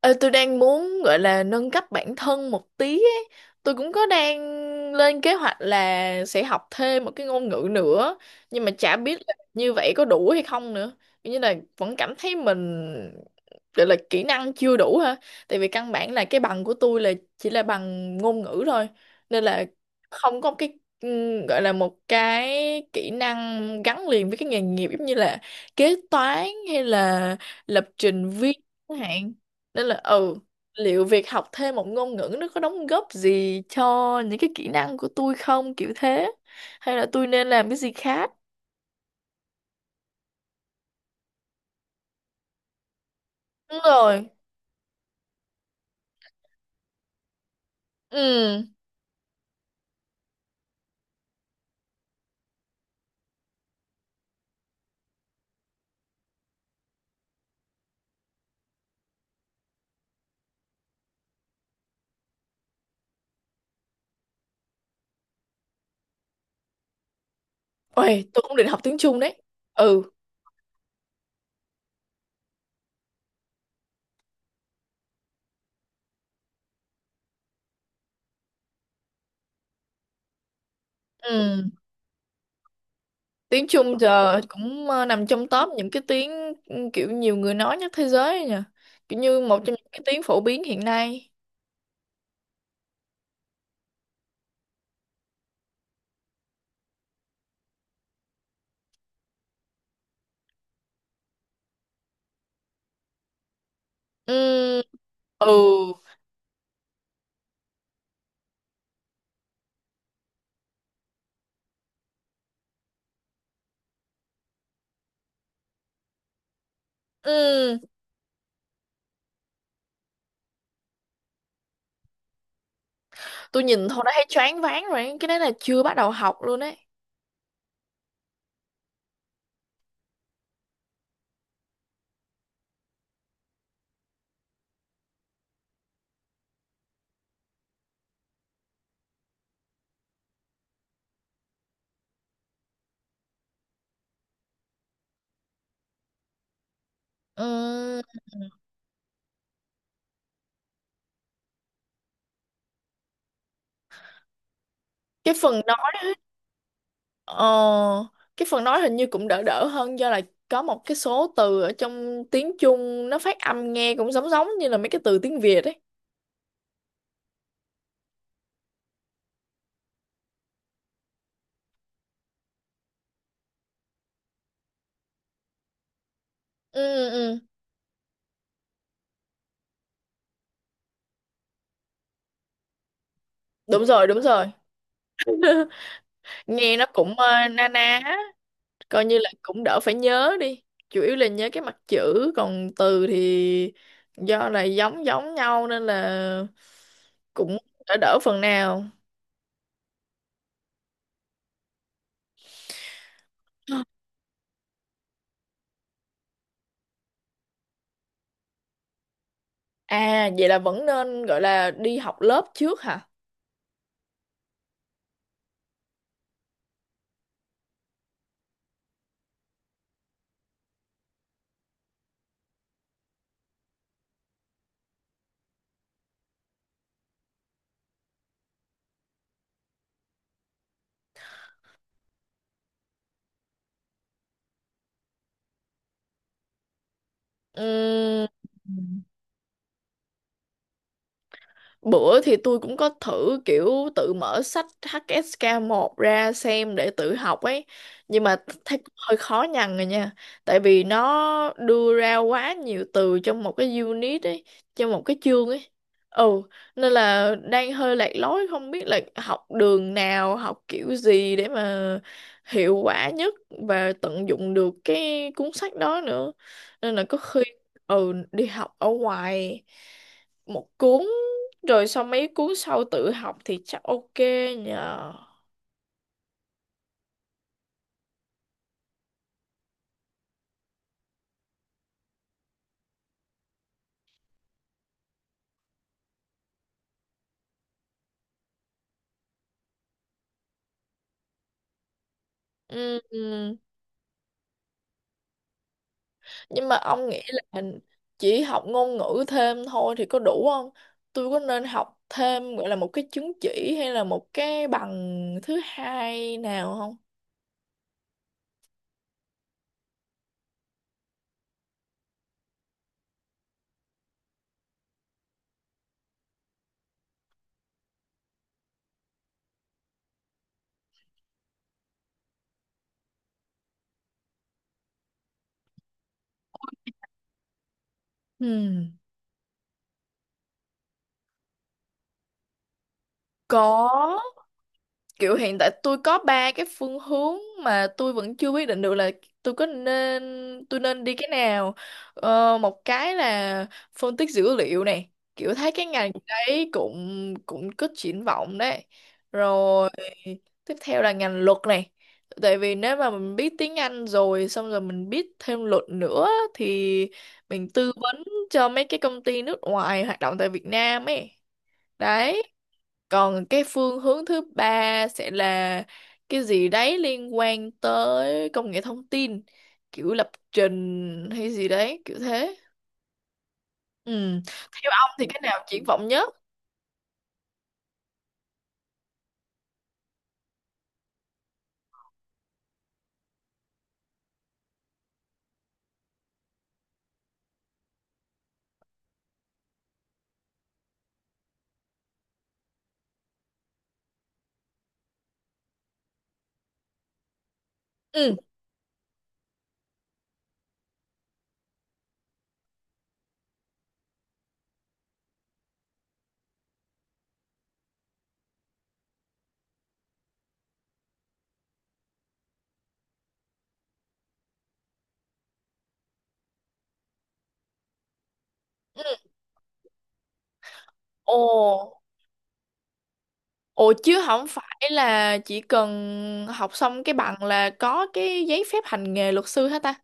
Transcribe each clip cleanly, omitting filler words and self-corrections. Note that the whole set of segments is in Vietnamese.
Ờ, tôi đang muốn gọi là nâng cấp bản thân một tí ấy. Tôi cũng có đang lên kế hoạch là sẽ học thêm một cái ngôn ngữ nữa, nhưng mà chả biết là như vậy có đủ hay không nữa. Kiểu như là vẫn cảm thấy mình gọi là kỹ năng chưa đủ ha. Tại vì căn bản là cái bằng của tôi là chỉ là bằng ngôn ngữ thôi, nên là không có cái gọi là một cái kỹ năng gắn liền với cái nghề nghiệp, giống như là kế toán hay là lập trình viên chẳng hạn. Nên là liệu việc học thêm một ngôn ngữ nó có đóng góp gì cho những cái kỹ năng của tôi không, kiểu thế, hay là tôi nên làm cái gì khác. Đúng rồi. Ừ. Ôi, tôi cũng định học tiếng Trung đấy. Ừ. Ừ. Tiếng Trung giờ cũng nằm trong top những cái tiếng. Ừ, kiểu nhiều người nói nhất thế giới ấy nhỉ, kiểu như một trong những cái tiếng phổ biến hiện nay. Ừ. Ừ. Ừ. Tôi nhìn thôi đã thấy choáng váng rồi, cái đấy là chưa bắt đầu học luôn đấy. Ừ. cái phần Ờ, cái phần nói hình như cũng đỡ đỡ hơn, do là có một cái số từ ở trong tiếng Trung nó phát âm nghe cũng giống giống như là mấy cái từ tiếng Việt ấy. Ừ, ừ, ừ. Đúng rồi, đúng rồi. Nghe nó cũng na ná, á, coi như là cũng đỡ phải nhớ đi. Chủ yếu là nhớ cái mặt chữ, còn từ thì do là giống giống nhau nên là cũng đỡ đỡ phần nào. À, vậy là vẫn nên gọi là đi học lớp trước hả? Ừ. Bữa thì tôi cũng có thử kiểu tự mở sách HSK 1 ra xem để tự học ấy. Nhưng mà thấy cũng hơi khó nhằn rồi nha. Tại vì nó đưa ra quá nhiều từ trong một cái unit ấy, trong một cái chương ấy. Ừ, nên là đang hơi lạc lối, không biết là học đường nào, học kiểu gì để mà hiệu quả nhất và tận dụng được cái cuốn sách đó nữa. Nên là có khi đi học ở ngoài một cuốn rồi sau mấy cuốn sau tự học thì chắc ok nhờ. Ừ, ừ. Nhưng mà ông nghĩ là chỉ học ngôn ngữ thêm thôi thì có đủ không? Tôi có nên học thêm gọi là một cái chứng chỉ hay là một cái bằng thứ hai nào không? Ừ, có. Kiểu hiện tại tôi có ba cái phương hướng mà tôi vẫn chưa quyết định được là tôi có nên tôi nên đi cái nào. Một cái là phân tích dữ liệu này, kiểu thấy cái ngành đấy cũng cũng có triển vọng đấy. Rồi tiếp theo là ngành luật này. Tại vì nếu mà mình biết tiếng Anh rồi xong rồi mình biết thêm luật nữa thì mình tư vấn cho mấy cái công ty nước ngoài hoạt động tại Việt Nam ấy đấy. Còn cái phương hướng thứ ba sẽ là cái gì đấy liên quan tới công nghệ thông tin, kiểu lập trình hay gì đấy, kiểu thế. Ừ. Theo ông thì cái nào triển vọng nhất? Ừ. Ừ. Ồ. Ồ chứ không phải là chỉ cần học xong cái bằng là có cái giấy phép hành nghề luật sư hả ta?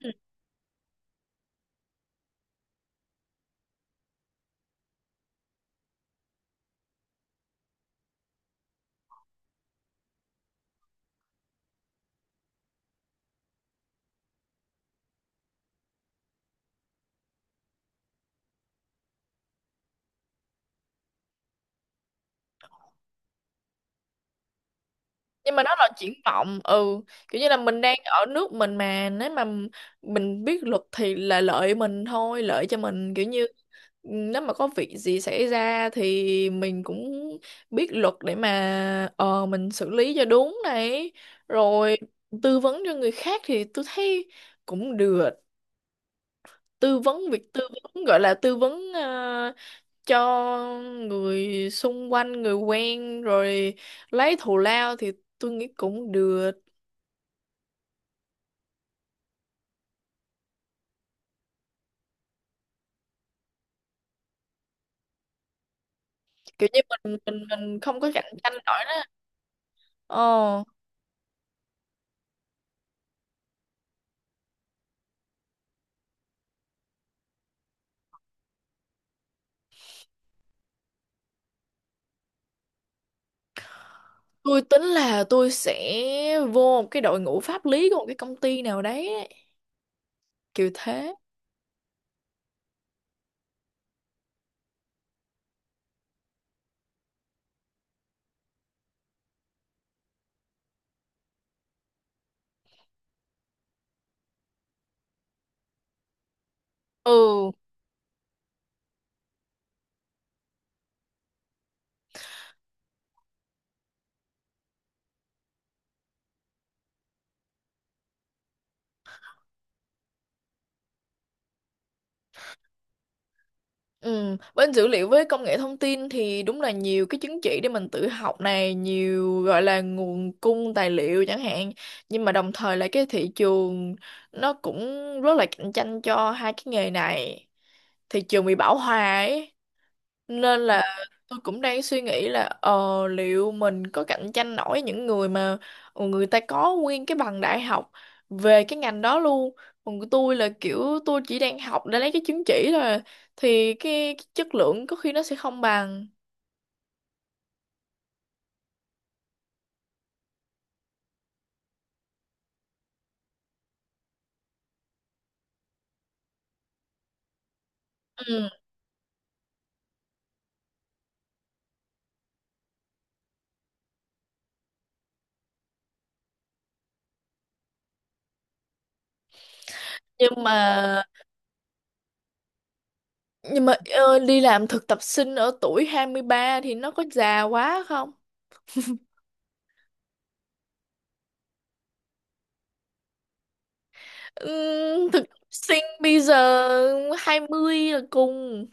Ừ. Nhưng mà nó là triển vọng, ừ. Kiểu như là mình đang ở nước mình, mà nếu mà mình biết luật thì là lợi mình thôi, lợi cho mình, kiểu như nếu mà có việc gì xảy ra thì mình cũng biết luật để mà mình xử lý cho đúng này, rồi tư vấn cho người khác thì tôi thấy cũng được. Tư vấn việc tư vấn gọi là tư vấn cho người xung quanh, người quen rồi lấy thù lao thì tôi nghĩ cũng được, kiểu như mình không có cạnh tranh nổi đó. ờ tôi tính là tôi sẽ vô một cái đội ngũ pháp lý của một cái công ty nào đấy ấy, kiểu thế. Ừ. Ừ. Bên dữ liệu với công nghệ thông tin thì đúng là nhiều cái chứng chỉ để mình tự học này, nhiều gọi là nguồn cung tài liệu chẳng hạn. Nhưng mà đồng thời là cái thị trường nó cũng rất là cạnh tranh cho hai cái nghề này, thị trường bị bão hòa ấy. Nên là tôi cũng đang suy nghĩ là liệu mình có cạnh tranh nổi những người mà người ta có nguyên cái bằng đại học về cái ngành đó luôn. Còn của tôi là kiểu tôi chỉ đang học để lấy cái chứng chỉ thôi à. Thì cái chất lượng có khi nó sẽ không bằng. Ừ. nhưng mà nhưng mà đi làm thực tập sinh ở tuổi 23 thì nó có già quá không? Thực tập sinh bây giờ 20 là cùng.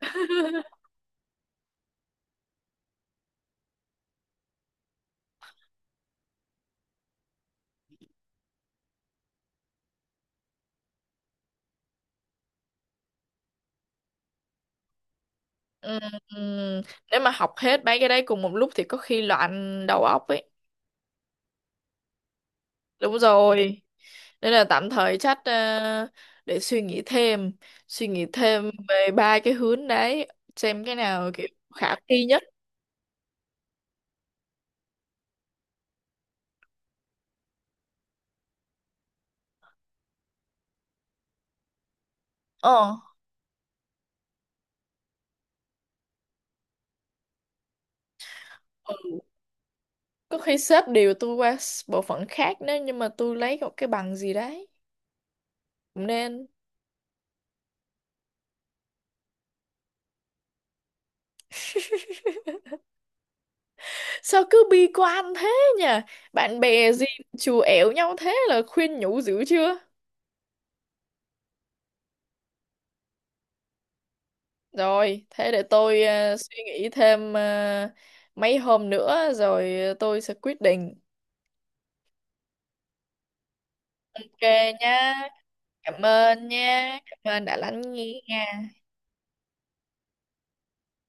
Ừm, ừm, Nếu mà học hết mấy cái đấy cùng một lúc thì có khi loạn đầu óc ấy. Đúng rồi. Nên là tạm thời chắc để suy nghĩ thêm về ba cái hướng đấy, xem cái nào kiểu khả thi nhất. Ờ, ừ. Có khi sếp điều tôi qua bộ phận khác, nhưng mà tôi lấy một cái bằng gì đấy. Cũng nên. Sao cứ bi quan thế nhỉ? Bạn bè gì chù ẻo nhau thế là khuyên nhủ dữ chưa? Rồi, thế để tôi suy nghĩ thêm mấy hôm nữa rồi tôi sẽ quyết định. Ok nhá. Cảm ơn nhá. Cảm ơn đã lắng nghe.